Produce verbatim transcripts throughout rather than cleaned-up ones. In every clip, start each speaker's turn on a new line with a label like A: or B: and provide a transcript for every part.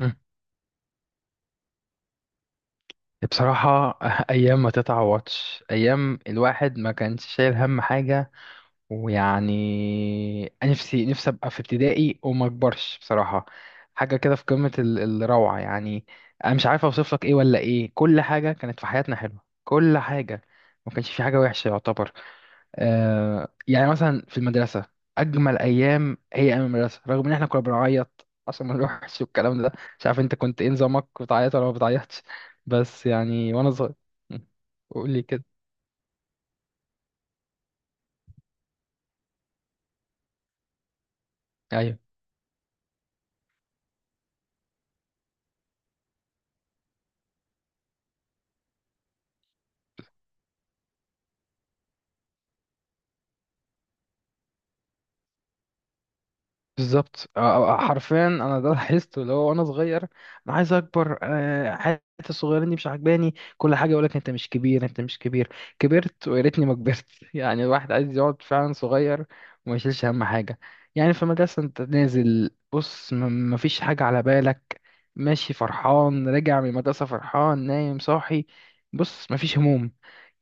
A: مم. بصراحة أيام ما تتعوضش. أيام الواحد ما كانش شايل هم حاجة، ويعني نفسي نفسي أبقى في ابتدائي وما أكبرش بصراحة. حاجة كده في قمة ال- الروعة يعني. أنا مش عارف أوصف لك إيه ولا إيه، كل حاجة كانت في حياتنا حلوة، كل حاجة، ما كانش في حاجة وحشة يعتبر. آه، يعني مثلا في المدرسة، أجمل أيام هي أيام المدرسة، رغم إن إحنا كنا بنعيط عشان ما نروحش والكلام ده. مش عارف أنت كنت إيه نظامك، بتعيط ولا ما بتعيطش؟ بس يعني وأنا صغير. قول لي كده. أيوه، بالظبط. آه، آه، حرفيا انا ده لاحظته، اللي هو وانا صغير انا عايز اكبر، آه، حياتي الصغيرين دي مش عاجباني، كل حاجه يقول لك انت مش كبير انت مش كبير. كبرت ويا ريتني ما كبرت. يعني الواحد عايز يقعد فعلا صغير وما يشيلش هم حاجه. يعني في المدرسه انت نازل بص م- ما فيش حاجه على بالك، ماشي فرحان، راجع من المدرسه فرحان، نايم صاحي، بص ما فيش هموم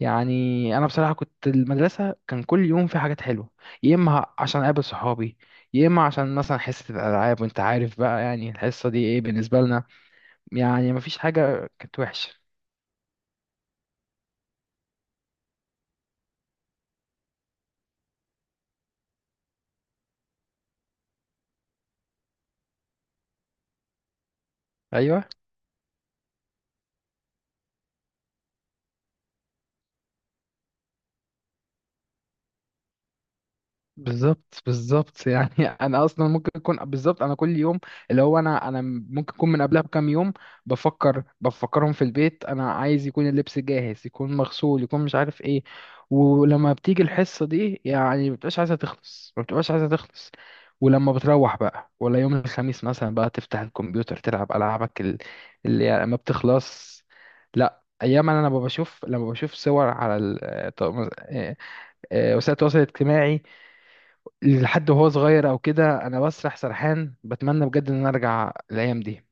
A: يعني. انا بصراحه كنت المدرسه كان كل يوم في حاجات حلوه، يا اما عشان اقابل صحابي، يا اما عشان مثلا حصه الالعاب، وانت عارف بقى يعني الحصه دي ايه بالنسبه لنا، يعني مفيش حاجه كانت وحشه. ايوه، بالظبط بالظبط يعني. انا اصلا ممكن اكون بالظبط، انا كل يوم اللي هو انا انا ممكن اكون من قبلها بكام يوم بفكر بفكرهم في البيت، انا عايز يكون اللبس جاهز، يكون مغسول، يكون مش عارف ايه. ولما بتيجي الحصة دي يعني ما بتبقاش عايزة تخلص، ما بتبقاش عايزة تخلص. ولما بتروح بقى، ولا يوم الخميس مثلا بقى تفتح الكمبيوتر تلعب ألعابك ال- اللي يعني ما بتخلص. لا، ايام انا لما بشوف لما بشوف صور على ال- آه، آه، آه، وسائل التواصل الاجتماعي لحد وهو صغير او كده، انا بسرح سرحان بتمنى بجد ان انا ارجع الايام دي.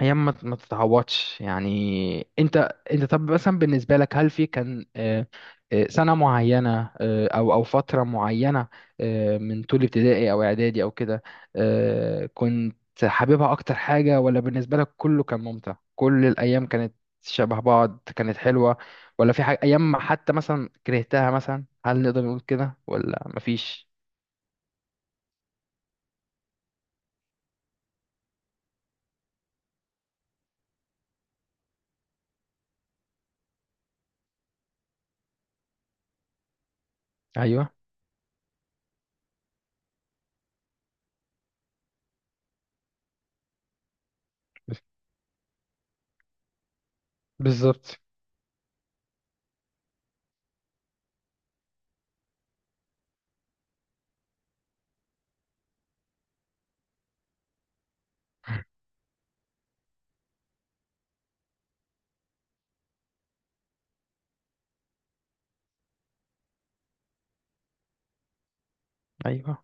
A: ايام ما ما تتعوضش يعني. انت انت طب مثلا بالنسبه لك، هل في كان آه، آه، سنه معينه، آه، او او فتره معينه، آه، من طول ابتدائي او اعدادي او كده، آه، كنت حاببها اكتر حاجه؟ ولا بالنسبه لك كله كان ممتع، كل الايام كانت شبه بعض، كانت حلوه؟ ولا في حاجه، ايام ما حتى مثلا كرهتها مثلا، هل نقدر نقول كده ولا مفيش؟ ايوه، بالظبط، ايوه.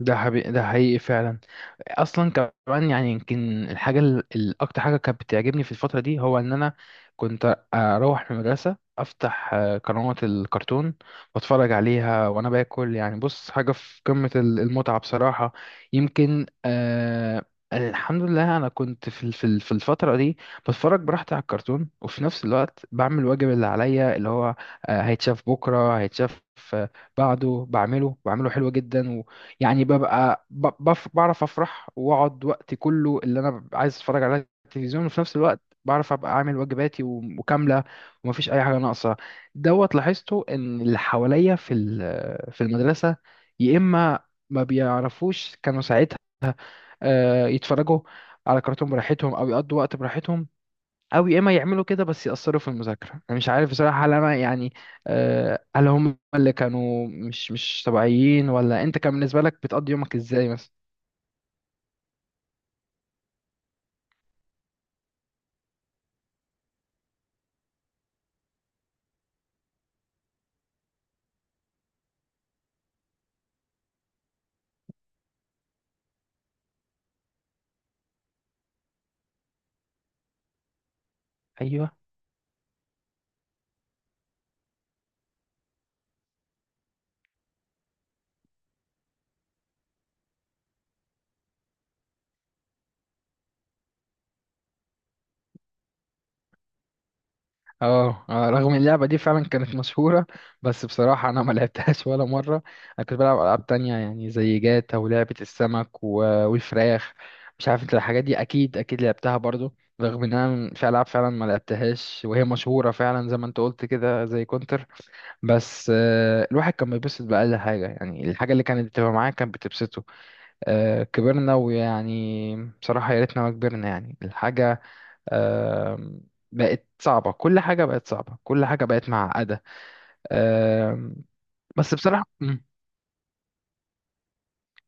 A: ده حبي... ده حقيقي فعلا اصلا. كمان يعني يمكن الحاجه ال- الاكتر حاجه كانت بتعجبني في الفتره دي، هو ان انا كنت اروح من المدرسه افتح آه، قنوات الكرتون واتفرج عليها وانا باكل. يعني بص، حاجه في قمه ال- المتعه بصراحه. يمكن آه الحمد لله انا كنت في ال- في ال- في الفتره دي بتفرج براحتي على الكرتون، وفي نفس الوقت بعمل الواجب اللي عليا، اللي هو آه، هيتشاف بكره، هيتشاف آه، بعده، بعمله بعمله حلو جدا. يعني ببقى ب- بف- بعرف افرح واقعد وقتي كله اللي انا ببقى عايز اتفرج على التلفزيون، وفي نفس الوقت بعرف ابقى عامل واجباتي وم- وكامله ومفيش اي حاجه ناقصه. دوت لاحظته ان اللي حواليا في ال- في المدرسه، يا اما ما بيعرفوش، كانوا ساعتها آه، يتفرجوا على كرتون براحتهم او يقضوا وقت براحتهم، أو يا إما يعملوا كده بس يأثروا في المذاكرة. أنا مش عارف بصراحة، هل أنا يعني آه، هل هم اللي كانوا مش مش طبيعيين، ولا أنت كان بالنسبة لك بتقضي يومك إزاي مثلا؟ أيوه. اه آه، رغم إن اللعبة دي فعلا كانت مشهورة، بس بصراحة أنا ما لعبتهاش ولا مرة. أنا كنت بلعب ألعاب تانية يعني زي جاتا ولعبة السمك و- والفراخ. مش عارف أنت الحاجات دي أكيد أكيد لعبتها برضو. رغم إن أنا في ألعاب فعلا ما لعبتهاش وهي مشهورة فعلا، زي ما أنت قلت كده زي كونتر. بس آه، الواحد كان بيتبسط بأقل حاجة، يعني الحاجة اللي كانت بتبقى معاه كانت بتبسطه. آه، كبرنا ويعني، بصراحة يا ريتنا ما كبرنا. يعني الحاجة آم، بقت صعبة، كل حاجة بقت صعبة، كل حاجة بقت معقدة. آم، بس بصراحة، مم،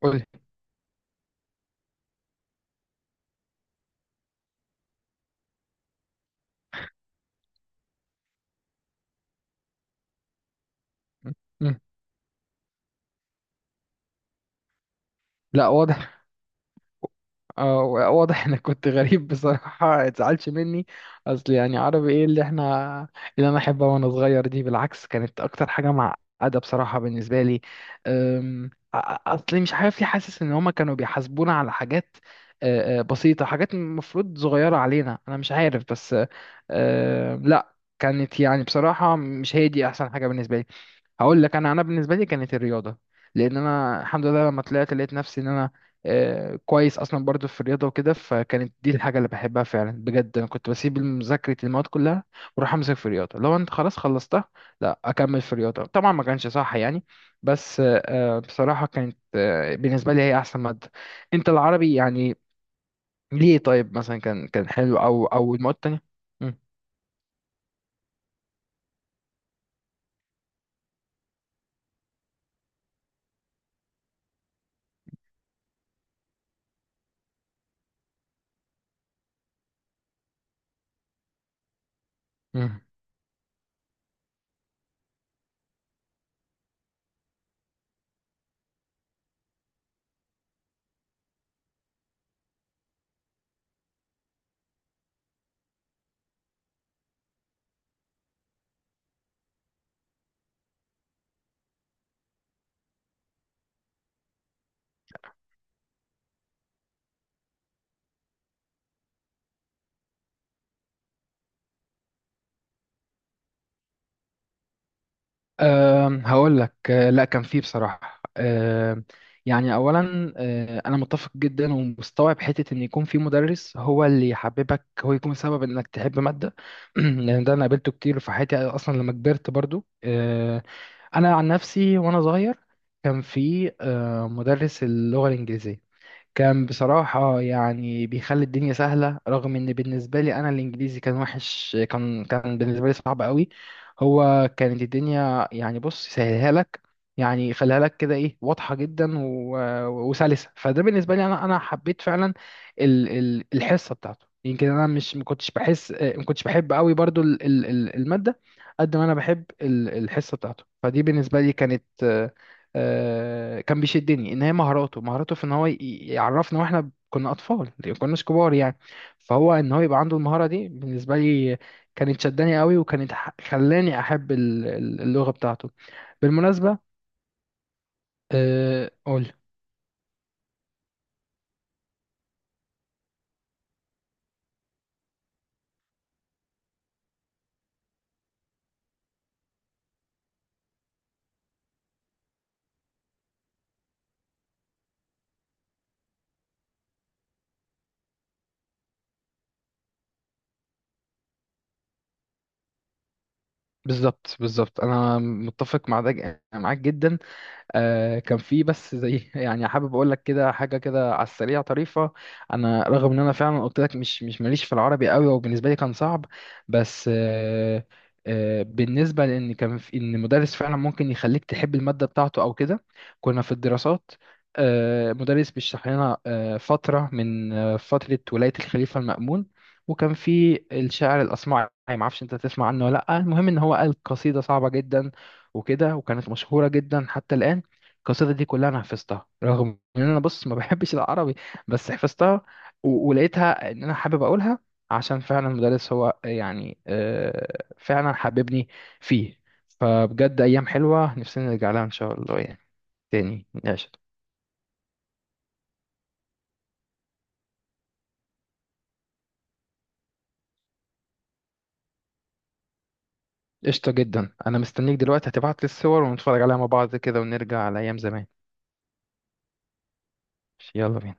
A: قولي. مم، مم. لا، واضح. اه. واضح انك كنت غريب بصراحة، اتزعلش مني. اصل يعني عربي ايه اللي احنا، اللي انا احبها وانا صغير دي بالعكس، كانت اكتر حاجة معقدة بصراحة بالنسبة لي. أم، أ- أ- اصل مش عارف ليه حاسس ان هما كانوا بيحاسبونا على حاجات أه، أه، بسيطة، حاجات المفروض صغيرة علينا. انا مش عارف، بس أه، لا، كانت يعني بصراحة مش هي دي احسن حاجة بالنسبة لي. هقول لك انا انا بالنسبه لي كانت الرياضه، لان انا الحمد لله لما طلعت لقيت نفسي ان انا آه، كويس اصلا برضو في الرياضه وكده، فكانت دي الحاجه اللي بحبها فعلا بجد. انا كنت بسيب مذاكره المواد كلها واروح امسك في الرياضه، لو انت خلاص خلصتها لا اكمل في الرياضه، طبعا ما كانش صح يعني، بس آه، آه، بصراحه كانت آه، بالنسبه لي هي احسن ماده. انت العربي يعني ليه؟ طيب مثلا كان كان حلو، او او المواد التانية؟ مم. أه هقول لك، أه لا كان فيه بصراحة. أه يعني أولا أه أنا متفق جدا ومستوعب حتة إن يكون في مدرس هو اللي يحببك، هو يكون سبب إنك تحب مادة. لأن ده أنا قابلته كتير في حياتي، أصلا لما كبرت برضو. أه أنا عن نفسي وأنا صغير كان في أه مدرس اللغة الإنجليزية، كان بصراحة يعني بيخلي الدنيا سهلة، رغم إن بالنسبة لي أنا الإنجليزي كان وحش، كان كان بالنسبة لي صعب قوي. هو كانت الدنيا يعني بص سهلها لك، يعني يخليها لك كده إيه، واضحة جدا و- وسلسة. فده بالنسبة لي أنا أنا حبيت فعلا ال- ال- الحصة بتاعته. يمكن أنا، مش ما كنتش بحس ما كنتش بحب قوي برضو ال- ال- ال- المادة، قد ما أنا بحب ال- الحصة بتاعته. فدي بالنسبة لي كانت آه، كان بيشدني ان هي مهاراته مهاراته في ان هو ي- يعرفنا واحنا كنا اطفال، ما كناش كبار يعني، فهو ان هو يبقى عنده المهارة دي بالنسبة لي، كانت شداني قوي، وكانت ح- خلاني احب ال- ال- اللغة بتاعته. بالمناسبة. آه، قول. بالظبط بالظبط، انا متفق مع ده ج- معاك جدا. آه كان في بس زي، يعني حابب اقول لك كده حاجه كده على السريع طريفه. انا رغم ان انا فعلا قلت لك مش مش ماليش في العربي قوي وبالنسبه لي كان صعب، بس آه آه بالنسبه لان كان في ان مدرس فعلا ممكن يخليك تحب الماده بتاعته او كده. كنا في الدراسات، آه مدرس بيشرح لنا آه فتره من آه فتره ولايه الخليفه المأمون، وكان في الشاعر الاصمعي، ما اعرفش انت تسمع عنه ولا لا. المهم ان هو قال قصيده صعبه جدا وكده، وكانت مشهوره جدا حتى الان. القصيدة دي كلها أنا حفظتها، رغم إن أنا بص ما بحبش العربي، بس حفظتها و- ولقيتها إن أنا حابب أقولها، عشان فعلا المدرس هو يعني آه، فعلا حببني فيه. فبجد أيام حلوة نفسنا نرجع لها إن شاء الله يعني. تاني. قشطة. قشطة جدا، أنا مستنيك دلوقتي هتبعت لي الصور ونتفرج عليها مع بعض كده، ونرجع على أيام زمان. يلا بينا.